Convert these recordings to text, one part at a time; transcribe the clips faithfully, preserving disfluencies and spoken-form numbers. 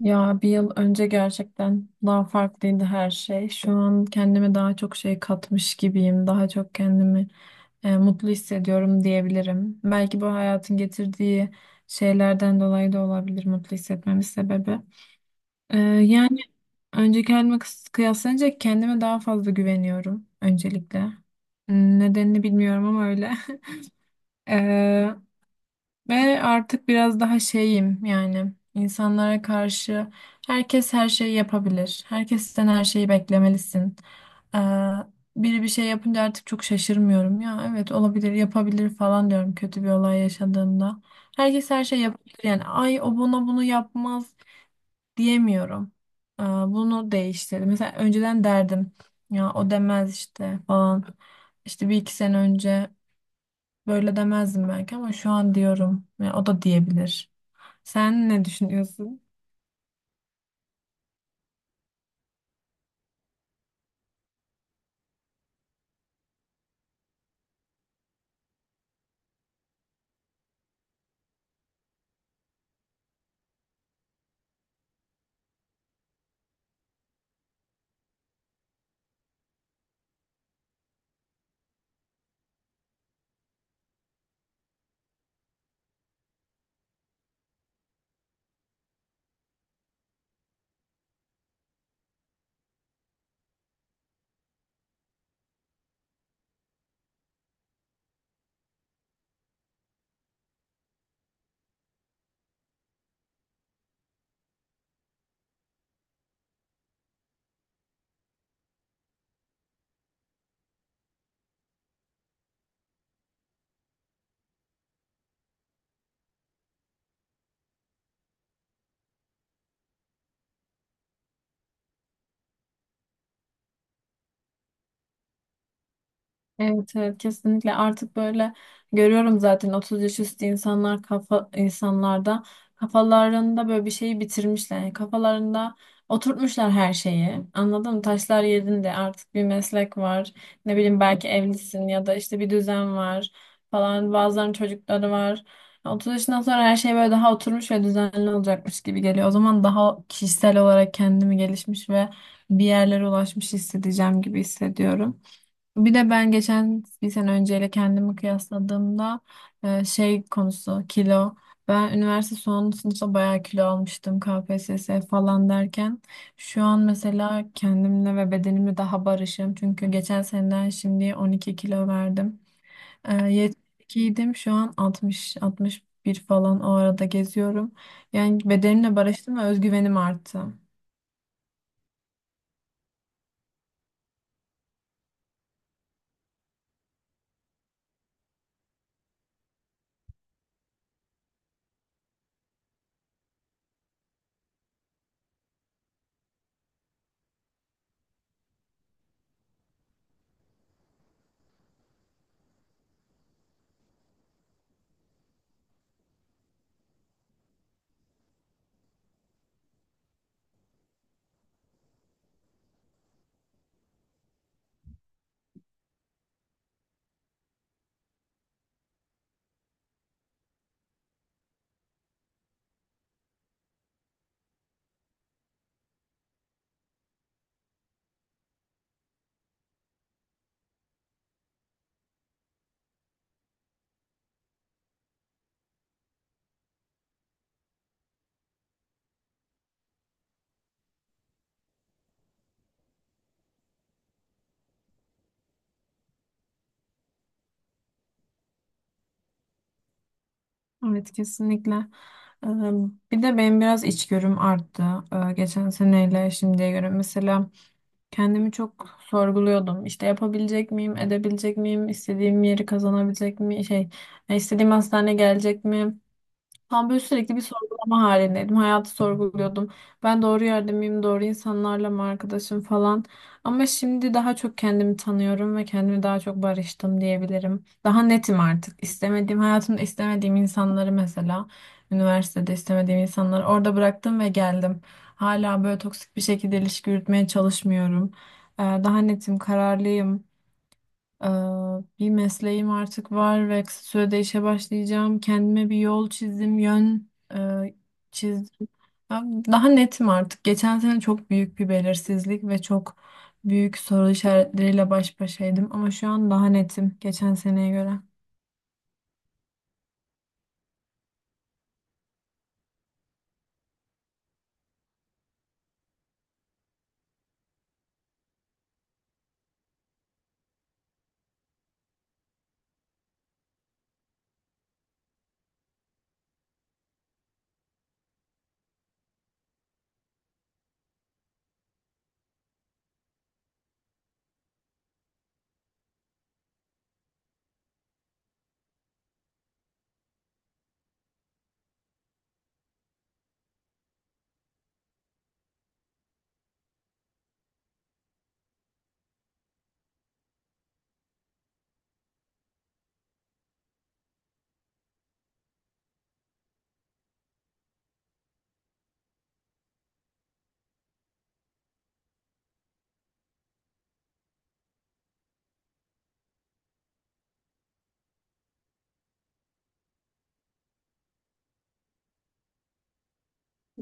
Ya bir yıl önce gerçekten daha farklıydı her şey. Şu an kendime daha çok şey katmış gibiyim. Daha çok kendimi e, mutlu hissediyorum diyebilirim. Belki bu hayatın getirdiği şeylerden dolayı da olabilir mutlu hissetmemin sebebi. E, yani önceki halime kıs- kıyaslanınca kendime daha fazla güveniyorum öncelikle. Nedenini bilmiyorum ama öyle. Ve artık biraz daha şeyim, yani insanlara karşı herkes her şeyi yapabilir. Herkesten her şeyi beklemelisin. Ee, biri bir şey yapınca artık çok şaşırmıyorum. Ya evet, olabilir, yapabilir falan diyorum kötü bir olay yaşadığımda. Herkes her şey yapabilir, yani ay o bana bunu yapmaz diyemiyorum. Ee, bunu değiştirdi. Mesela önceden derdim ya o demez işte falan. İşte bir iki sene önce. Böyle demezdim belki ama şu an diyorum. Ya o da diyebilir. Sen ne düşünüyorsun? Evet, evet, kesinlikle artık böyle görüyorum zaten. otuz yaş üstü insanlar, kafa insanlarda kafalarında böyle bir şeyi bitirmişler. Yani kafalarında oturtmuşlar her şeyi. Anladın mı? Taşlar yerinde, artık bir meslek var. Ne bileyim, belki evlisin ya da işte bir düzen var falan. Bazılarının çocukları var. otuz yaşından sonra her şey böyle daha oturmuş ve düzenli olacakmış gibi geliyor. O zaman daha kişisel olarak kendimi gelişmiş ve bir yerlere ulaşmış hissedeceğim gibi hissediyorum. Bir de ben geçen bir sene önceyle kendimi kıyasladığımda e, şey, konusu kilo. Ben üniversite son sınıfta bayağı kilo almıştım, K P S S falan derken. Şu an mesela kendimle ve bedenimle daha barışım. Çünkü geçen seneden şimdi on iki kilo verdim. E, yetmiş ikiydim, şu an altmış altmış bir falan o arada geziyorum. Yani bedenimle barıştım ve özgüvenim arttı. Evet, kesinlikle. Ee, Bir de benim biraz içgörüm arttı. Ee, Geçen seneyle şimdiye göre mesela kendimi çok sorguluyordum. İşte yapabilecek miyim, edebilecek miyim, istediğim yeri kazanabilecek mi, şey, e, istediğim hastane gelecek mi? Tam böyle sürekli bir sorgulama halindeydim. Hayatı sorguluyordum. Ben doğru yerde miyim? Doğru insanlarla mı arkadaşım falan. Ama şimdi daha çok kendimi tanıyorum ve kendimi daha çok barıştım diyebilirim. Daha netim artık. İstemediğim, hayatımda istemediğim insanları, mesela üniversitede istemediğim insanları orada bıraktım ve geldim. Hala böyle toksik bir şekilde ilişki yürütmeye çalışmıyorum. Ee, Daha netim, kararlıyım. Ee, bir mesleğim artık var ve kısa sürede işe başlayacağım. Kendime bir yol çizdim, yön e, çizdim. Ya, Daha netim artık. Geçen sene çok büyük bir belirsizlik ve çok büyük soru işaretleriyle baş başaydım ama şu an daha netim geçen seneye göre.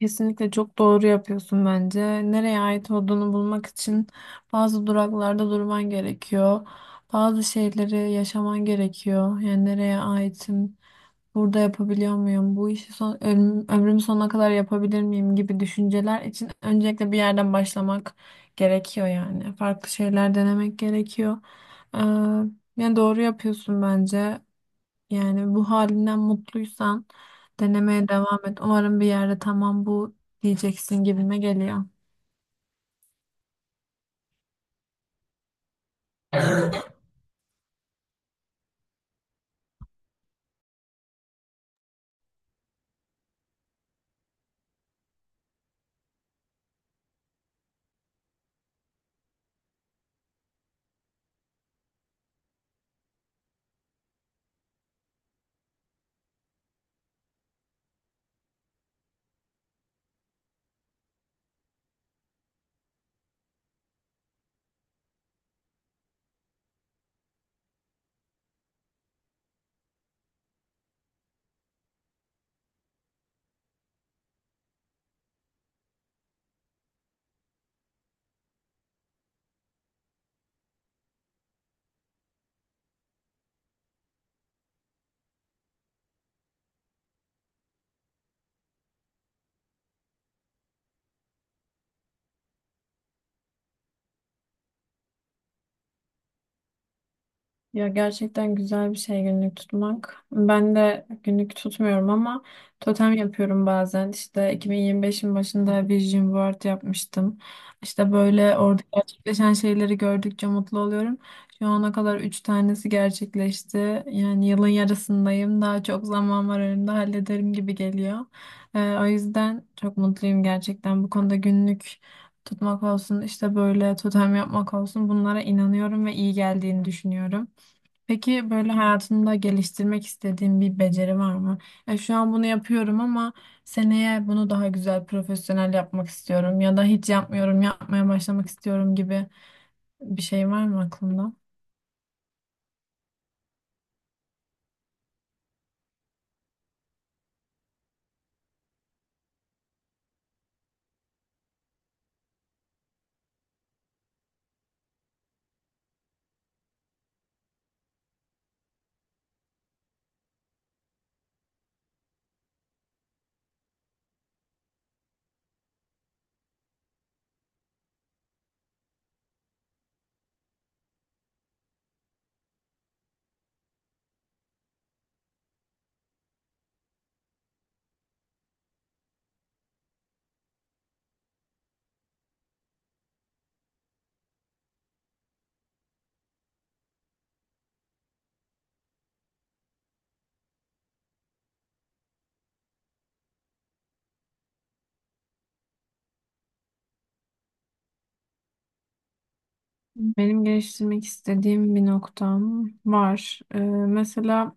Kesinlikle çok doğru yapıyorsun bence. Nereye ait olduğunu bulmak için bazı duraklarda durman gerekiyor. Bazı şeyleri yaşaman gerekiyor. Yani nereye aitim, burada yapabiliyor muyum, bu işi son, ömrüm, ömrüm sonuna kadar yapabilir miyim gibi düşünceler için öncelikle bir yerden başlamak gerekiyor yani. Farklı şeyler denemek gerekiyor. Ee, yani doğru yapıyorsun bence. Yani bu halinden mutluysan denemeye devam et. Umarım bir yerde tamam bu diyeceksin gibime geliyor. Ya, gerçekten güzel bir şey günlük tutmak. Ben de günlük tutmuyorum ama totem yapıyorum bazen. İşte iki bin yirmi beşin başında Vision Board yapmıştım. İşte böyle orada gerçekleşen şeyleri gördükçe mutlu oluyorum. Şu ana kadar üç tanesi gerçekleşti. Yani yılın yarısındayım. Daha çok zaman var önümde, hallederim gibi geliyor. Ee, o yüzden çok mutluyum gerçekten. Bu konuda günlük tutmak olsun, işte böyle totem yapmak olsun, bunlara inanıyorum ve iyi geldiğini düşünüyorum. Peki böyle hayatında geliştirmek istediğin bir beceri var mı? E, şu an bunu yapıyorum ama seneye bunu daha güzel, profesyonel yapmak istiyorum ya da hiç yapmıyorum, yapmaya başlamak istiyorum gibi bir şey var mı aklında? Benim geliştirmek istediğim bir noktam var. Ee, mesela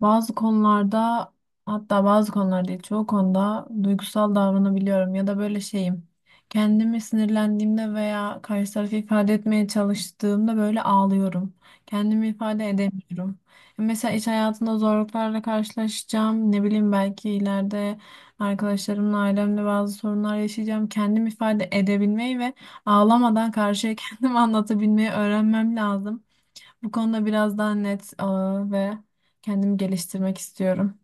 bazı konularda, hatta bazı konularda değil çoğu konuda duygusal davranabiliyorum ya da böyle şeyim. Kendimi sinirlendiğimde veya karşı tarafı ifade etmeye çalıştığımda böyle ağlıyorum. Kendimi ifade edemiyorum. E, Mesela iş hayatında zorluklarla karşılaşacağım. Ne bileyim, belki ileride arkadaşlarımla, ailemle bazı sorunlar yaşayacağım. Kendimi ifade edebilmeyi ve ağlamadan karşıya kendimi anlatabilmeyi öğrenmem lazım. Bu konuda biraz daha net aa, ve kendimi geliştirmek istiyorum.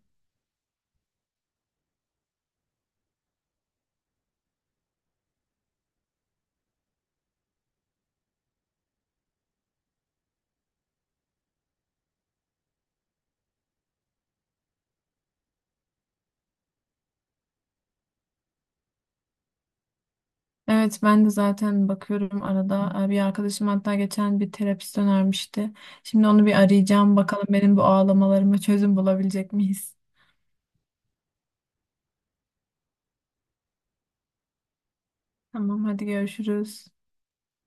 Evet, ben de zaten bakıyorum arada. Ee, Bir arkadaşım hatta geçen bir terapist önermişti. Şimdi onu bir arayacağım. Bakalım benim bu ağlamalarıma çözüm bulabilecek miyiz? Tamam, hadi görüşürüz.